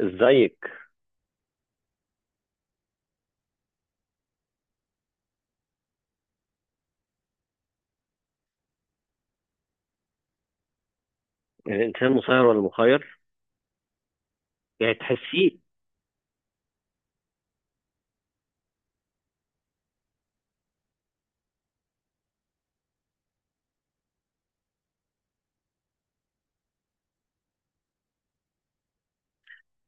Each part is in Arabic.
ازيك؟ يعني، الانسان مسير ولا مخير؟ يعني تحسيه.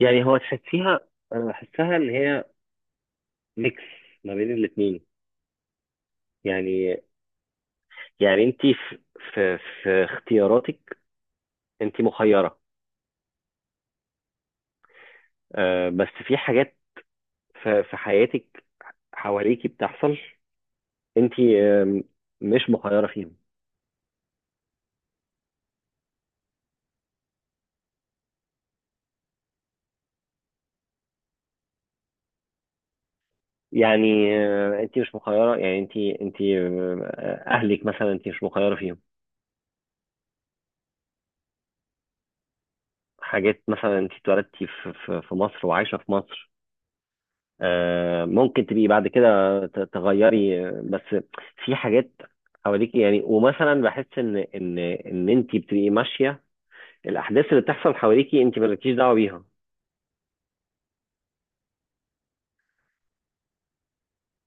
يعني هو تحسيها. انا بحسها ان هي ميكس ما بين الاتنين يعني. يعني انت في اختياراتك انت مخيره. آه بس في حاجات في حياتك حواليكي بتحصل انت آه مش مخيره فيهم. يعني آه انت مش مخيره، يعني انت آه اهلك مثلا انت مش مخيره فيهم. حاجات مثلا انت اتولدتي في مصر وعايشه في مصر. آه، ممكن تبقي بعد كده تغيري آه، بس في حاجات حواليكي، يعني ومثلا بحس ان انت بتبقي ماشيه. الاحداث اللي بتحصل حواليكي انت مالكيش دعوه بيها.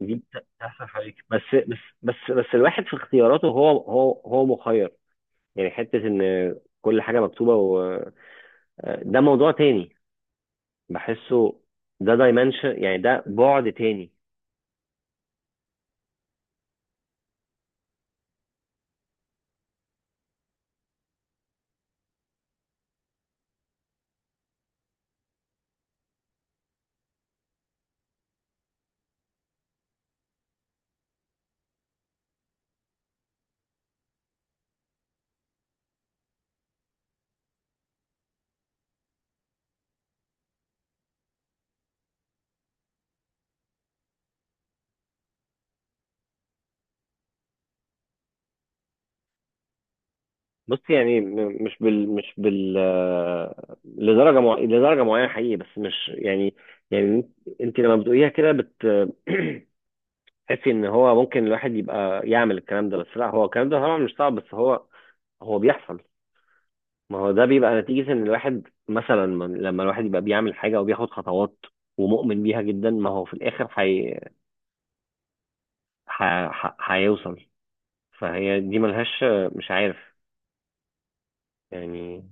دي بتحصل حواليكي، بس الواحد في اختياراته هو مخير. يعني حته ان كل حاجه مكتوبه، و آه، ده موضوع تاني بحسه. ده دايمنشن، يعني ده بعد تاني. بص، يعني مش بال آه، لدرجه معينه حقيقي، بس مش يعني. يعني انت لما بتقوليها كده بت تحسي ان هو ممكن الواحد يبقى يعمل الكلام ده، بس لا، هو الكلام ده طبعا مش صعب، بس هو هو بيحصل. ما هو ده بيبقى نتيجة ان الواحد مثلا لما الواحد يبقى بيعمل حاجة وبياخد خطوات ومؤمن بيها جدا، ما هو في الاخر ح... هيوصل. فهي دي ملهاش، مش عارف يعني.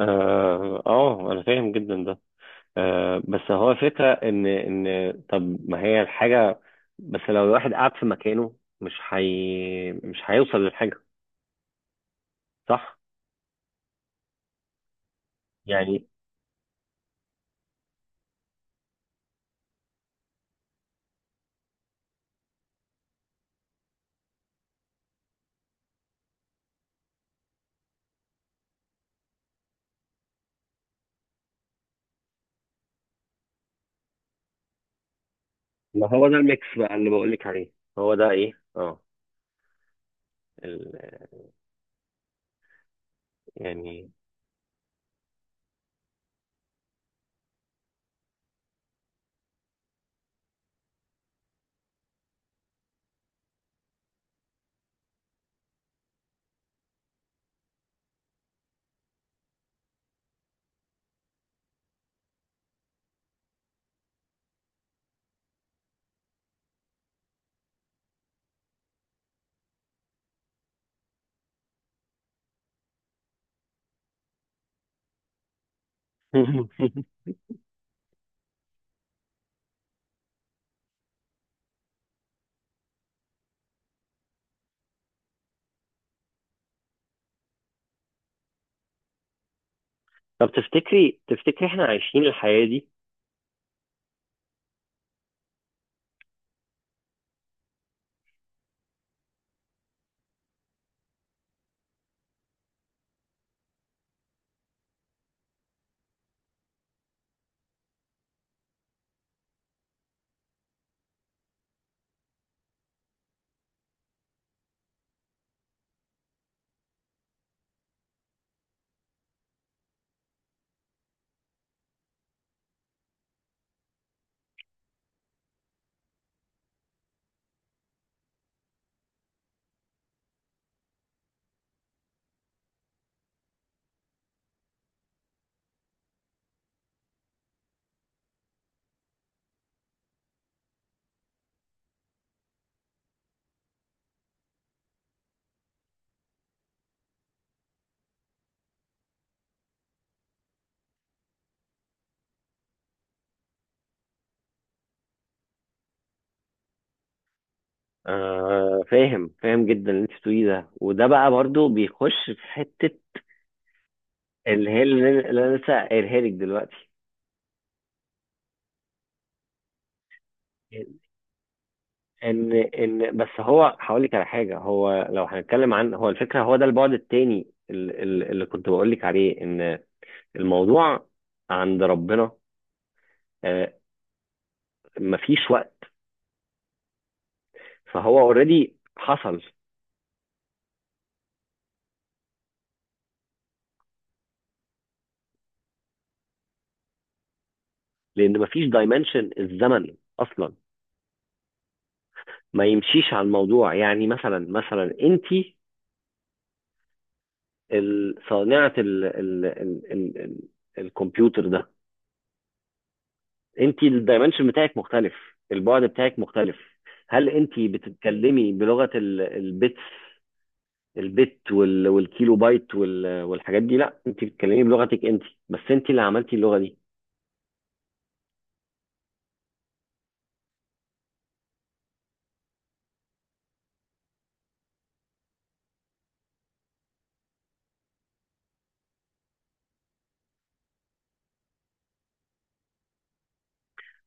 اه آه، انا فاهم جدا ده. آه، بس هو فكرة إن طب ما هي الحاجة، بس لو الواحد قعد في مكانه مش هيوصل للحاجة، صح؟ يعني ما هو ده الميكس بقى اللي بقولك عليه. هو ده إيه؟ أه ال... يعني طب تفتكري، تفتكري، إحنا عايشين الحياة دي؟ آه فاهم، فاهم جدا اللي أنت بتقوليه ده، وده بقى برضو بيخش في حتة اللي هي اللي أنا لسه قايلها لك دلوقتي. ان بس هو هقول لك على حاجه، هو لو هنتكلم عن هو الفكره، هو ده البعد التاني اللي كنت بقول لك عليه. ان الموضوع عند ربنا آه، مفيش وقت، فهو اوريدي حصل. لان مفيش دايمنشن الزمن اصلا ما يمشيش على الموضوع. يعني مثلا انت صانعه ال ال ال ال ال الكمبيوتر ده، انت الدايمنشن بتاعك مختلف، البعد بتاعك مختلف. هل انت بتتكلمي بلغه البت، البت والكيلو بايت والحاجات دي؟ لا، انت بتتكلمي بلغتك انت، بس انت اللي عملتي اللغه دي.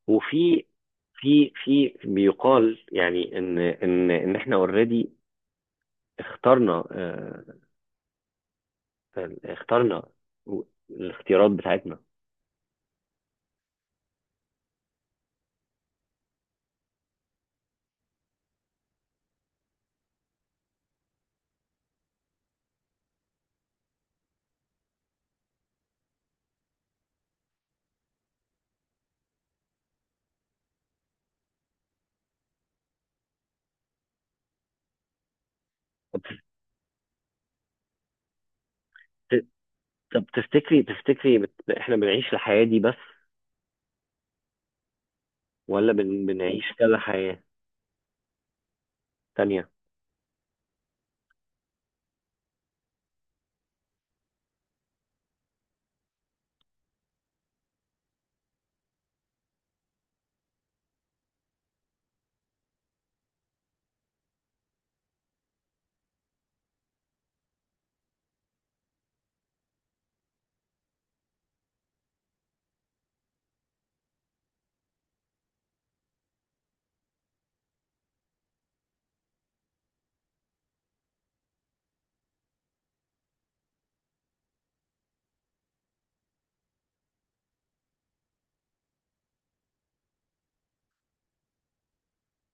وفي في بيقال، يعني ان احنا اوريدي اخترنا اه، اخترنا الاختيارات بتاعتنا. طب تفت- طب تفتكري، تفتكري، احنا بنعيش الحياه دي بس، ولا بنعيش كذا حياه تانية؟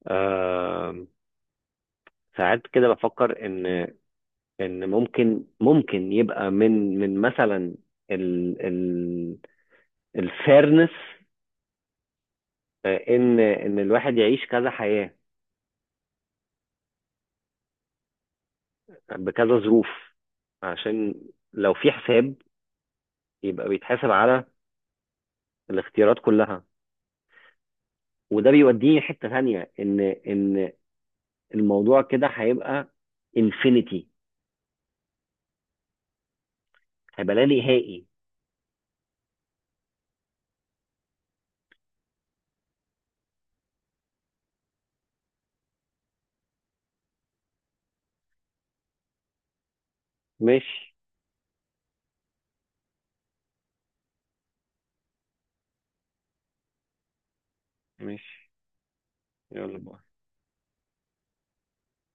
آه ساعات كده بفكر ان ان ممكن يبقى من مثلا ال ال الفيرنس، ان ان الواحد يعيش كذا حياة بكذا ظروف. عشان لو في حساب يبقى بيتحاسب على الاختيارات كلها. وده بيوديني حتة تانية، ان ان الموضوع كده هيبقى انفينيتي، هيبقى لا نهائي. ماشي. ماشي، يلا باي.